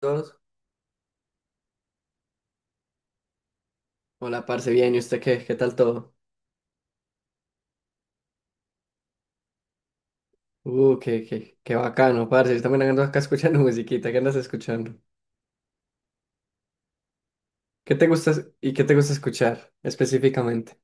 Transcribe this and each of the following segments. Dos. Hola, parce, bien, ¿y usted qué? ¿Qué tal todo? Qué bacano, parce. Yo también ando acá escuchando musiquita. ¿Qué andas escuchando? ¿Qué te gusta es- y qué te gusta escuchar específicamente?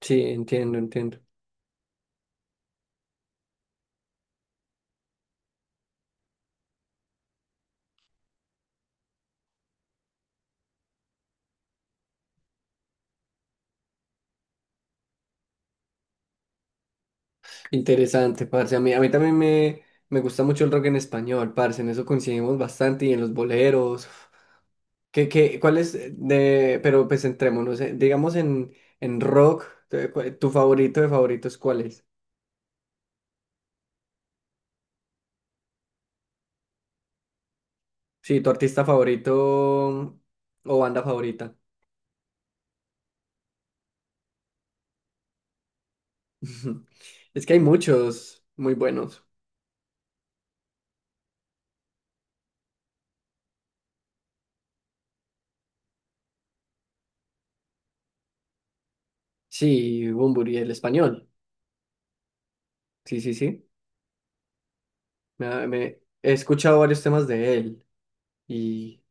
Sí, entiendo, entiendo. Interesante, parce. A mí también me gusta mucho el rock en español, parce. En eso coincidimos bastante y en los boleros. ¿Cuál es de, pero pues entrémonos, digamos en rock, ¿tu favorito de favoritos cuál es? Sí, tu artista favorito o banda favorita. Es que hay muchos muy buenos. Sí, Bunbury, el español. Sí, sí, sí. He escuchado varios temas de él y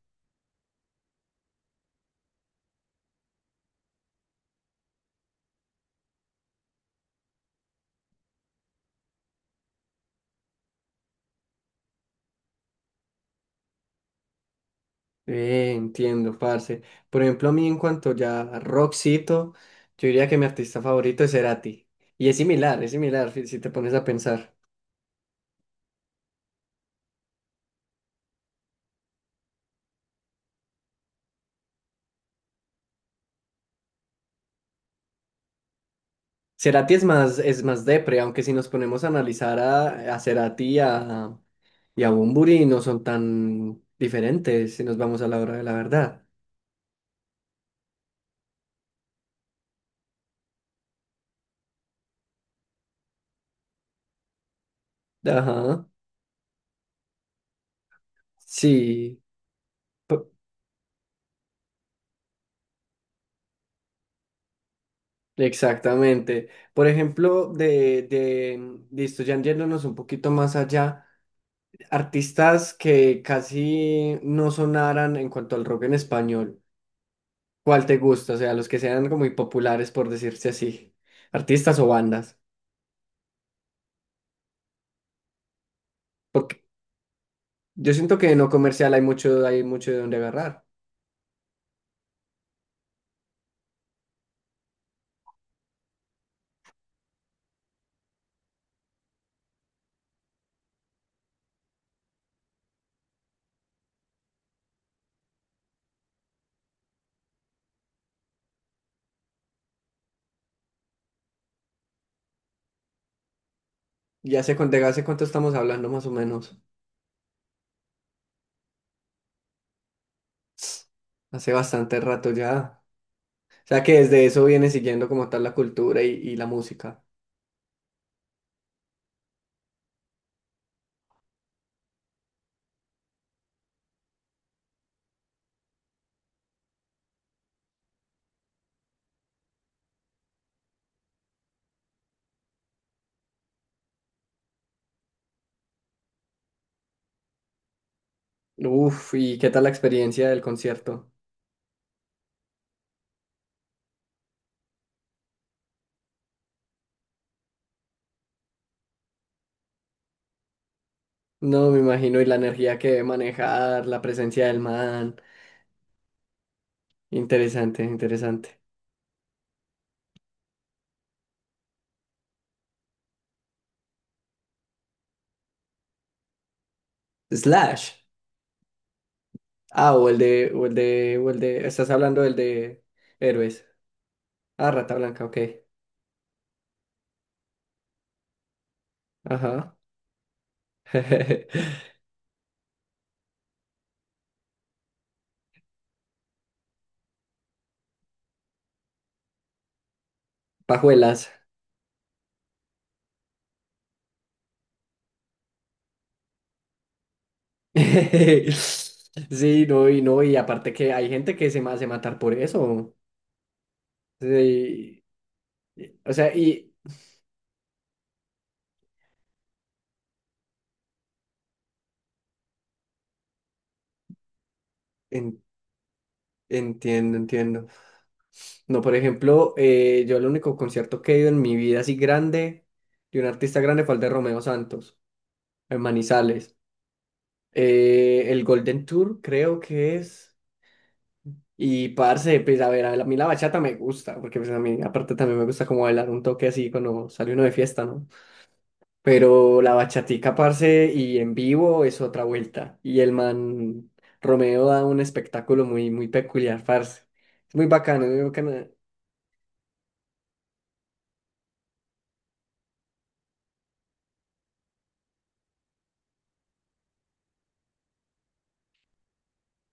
entiendo, parce. Por ejemplo, a mí en cuanto ya a rockcito, yo diría que mi artista favorito es Cerati. Y es similar, si te pones a pensar. Cerati es más depre, aunque si nos ponemos a analizar a Cerati y a Bunbury no son tan diferentes si nos vamos a la hora de la verdad. Ajá. Sí, p- exactamente. Por ejemplo, listo, ya yéndonos un poquito más allá, artistas que casi no sonaran en cuanto al rock en español, ¿cuál te gusta? O sea, los que sean como muy populares, por decirse así, artistas o bandas. Porque yo siento que no comercial hay mucho de dónde agarrar. ¿Ya sé cuánto hace cuánto estamos hablando más o menos? Hace bastante rato ya. O sea que desde eso viene siguiendo como tal la cultura y la música. Uf, ¿y qué tal la experiencia del concierto? No, me imagino, y la energía que debe manejar, la presencia del man. Interesante, interesante. Slash. Ah, o el de, estás hablando del de Héroes. Ah, Rata Blanca, ok. Ajá. Pajuelas. Sí, no, y aparte que hay gente que se me hace matar por eso. Sí, o sea, y en- entiendo, entiendo. No, por ejemplo, yo el único concierto que he ido en mi vida así grande de un artista grande fue el de Romeo Santos, en Manizales. El Golden Tour creo que es. Y parce, pues a ver, a mí la bachata me gusta, porque pues a mí aparte también me gusta como bailar un toque así cuando sale uno de fiesta, ¿no? Pero la bachatica, parce, y en vivo es otra vuelta. Y el man Romeo da un espectáculo muy, muy peculiar, parce. Es muy bacano, muy bacano.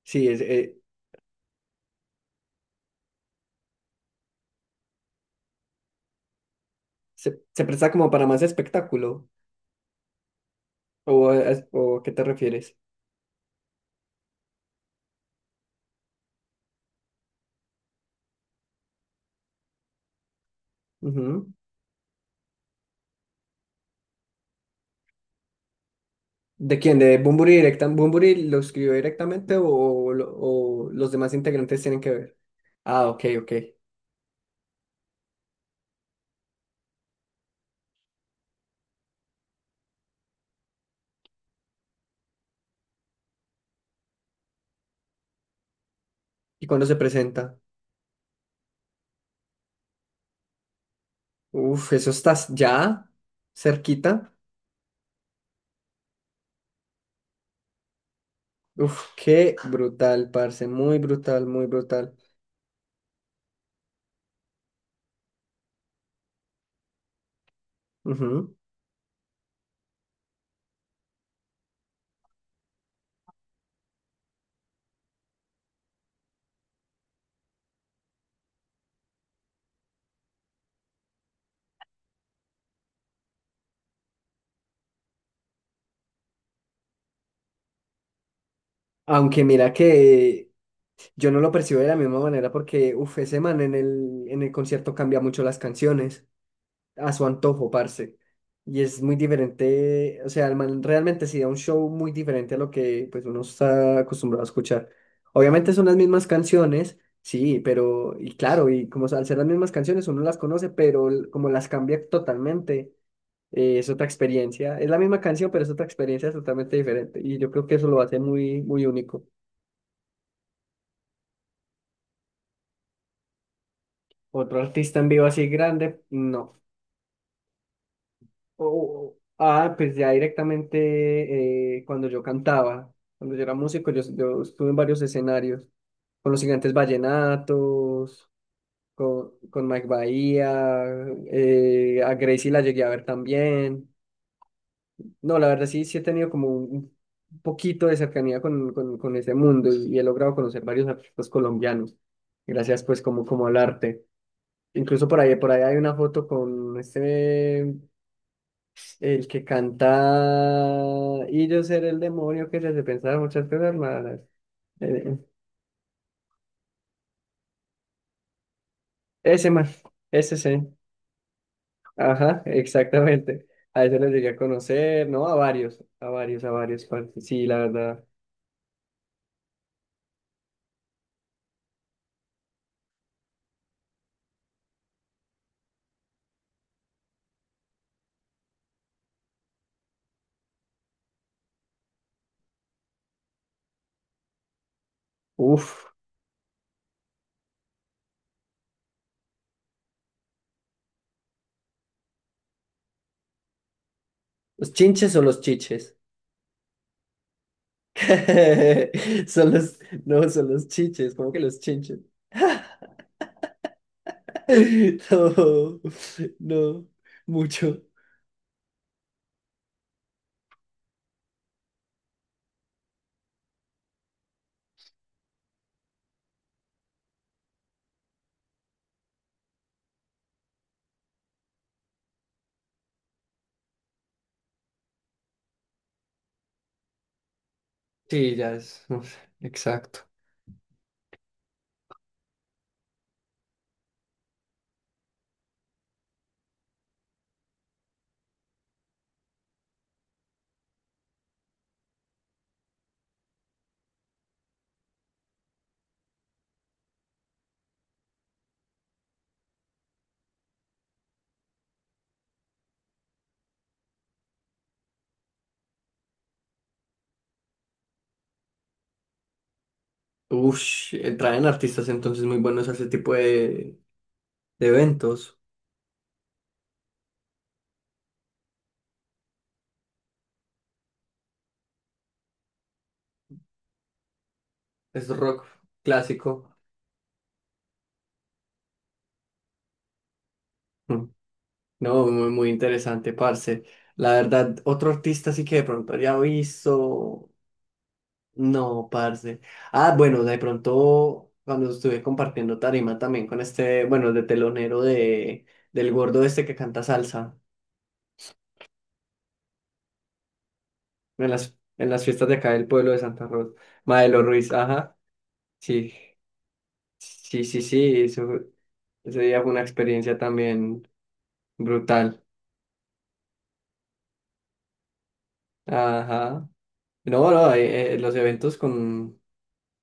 Sí, se, se presta como para más espectáculo. ¿O, a- ¿O a qué te refieres? Ujú. ¿De quién? ¿De Bunbury directa? ¿Bunbury lo escribió directamente o, o los demás integrantes tienen que ver? Ah, ok, ok. ¿Y cuándo se presenta? Uf, eso estás ya cerquita. Uf, qué brutal, parce. Muy brutal, muy brutal. Ujú. Aunque mira que yo no lo percibo de la misma manera porque, uf, ese man en el concierto cambia mucho las canciones a su antojo, parce. Y es muy diferente, o sea, el man realmente sí da un show muy diferente a lo que pues uno está acostumbrado a escuchar. Obviamente son las mismas canciones, sí, pero, y claro, y como al ser las mismas canciones uno las conoce, pero como las cambia totalmente, es otra experiencia. Es la misma canción, pero es otra experiencia totalmente diferente. Y yo creo que eso lo hace muy, muy único. Otro artista en vivo así grande, no. Oh, ah, pues ya directamente cuando yo cantaba, cuando yo era músico, yo estuve en varios escenarios, con los Gigantes Vallenatos, con Mike Bahía, a Gracie la llegué a ver también. No, la verdad sí, sí he tenido como un poquito de cercanía con ese mundo y he logrado conocer varios artistas colombianos, gracias pues como, como al arte. Incluso por ahí hay una foto con este... El que canta y yo seré el demonio que se te pensaba muchas cosas malas. Eh, Ese man, ese sí. Ajá, exactamente. A ese les llegué a conocer, ¿no? A varios, a varios, a varios, parce. Sí, la verdad. Uf, ¿los chinches o los chiches? Son los, no, son los chiches, ¿cómo que los chinches? No, no, mucho. Sí, ya es, uf, exacto. Ush, traen artistas entonces muy buenos a ese tipo de eventos. Es rock clásico. Mm. No, muy, muy interesante, parce. La verdad, otro artista sí que de pronto había visto. No, parce. Ah, bueno, de pronto cuando estuve compartiendo tarima también con este, bueno, el de telonero de, del gordo este que canta salsa en las fiestas de acá del pueblo de Santa Rosa. Maelo Ruiz, ajá, sí. Sí, sí, sí, eso, ese día fue una experiencia también brutal. Ajá. No, no, los eventos con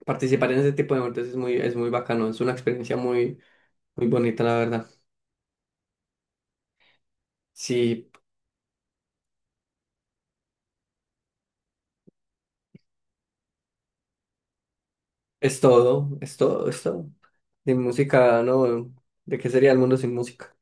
participar en ese tipo de eventos es muy bacano, es una experiencia muy, muy bonita, la verdad. Sí, es todo, es todo, es todo. De música, no, ¿de qué sería el mundo sin música?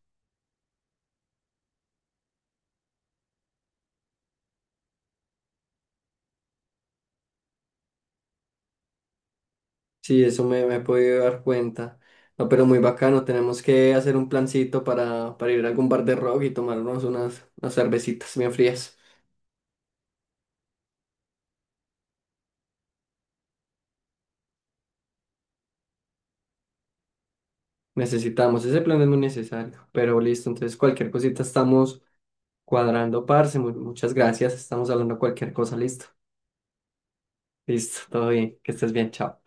Sí, eso me, me he podido dar cuenta. No, pero muy bacano, tenemos que hacer un plancito para ir a algún bar de rock y tomarnos unas, unas cervecitas bien frías. Necesitamos, ese plan es muy necesario, pero listo, entonces cualquier cosita estamos cuadrando, parce, muchas gracias, estamos hablando cualquier cosa, listo, listo, todo bien, que estés bien, chao.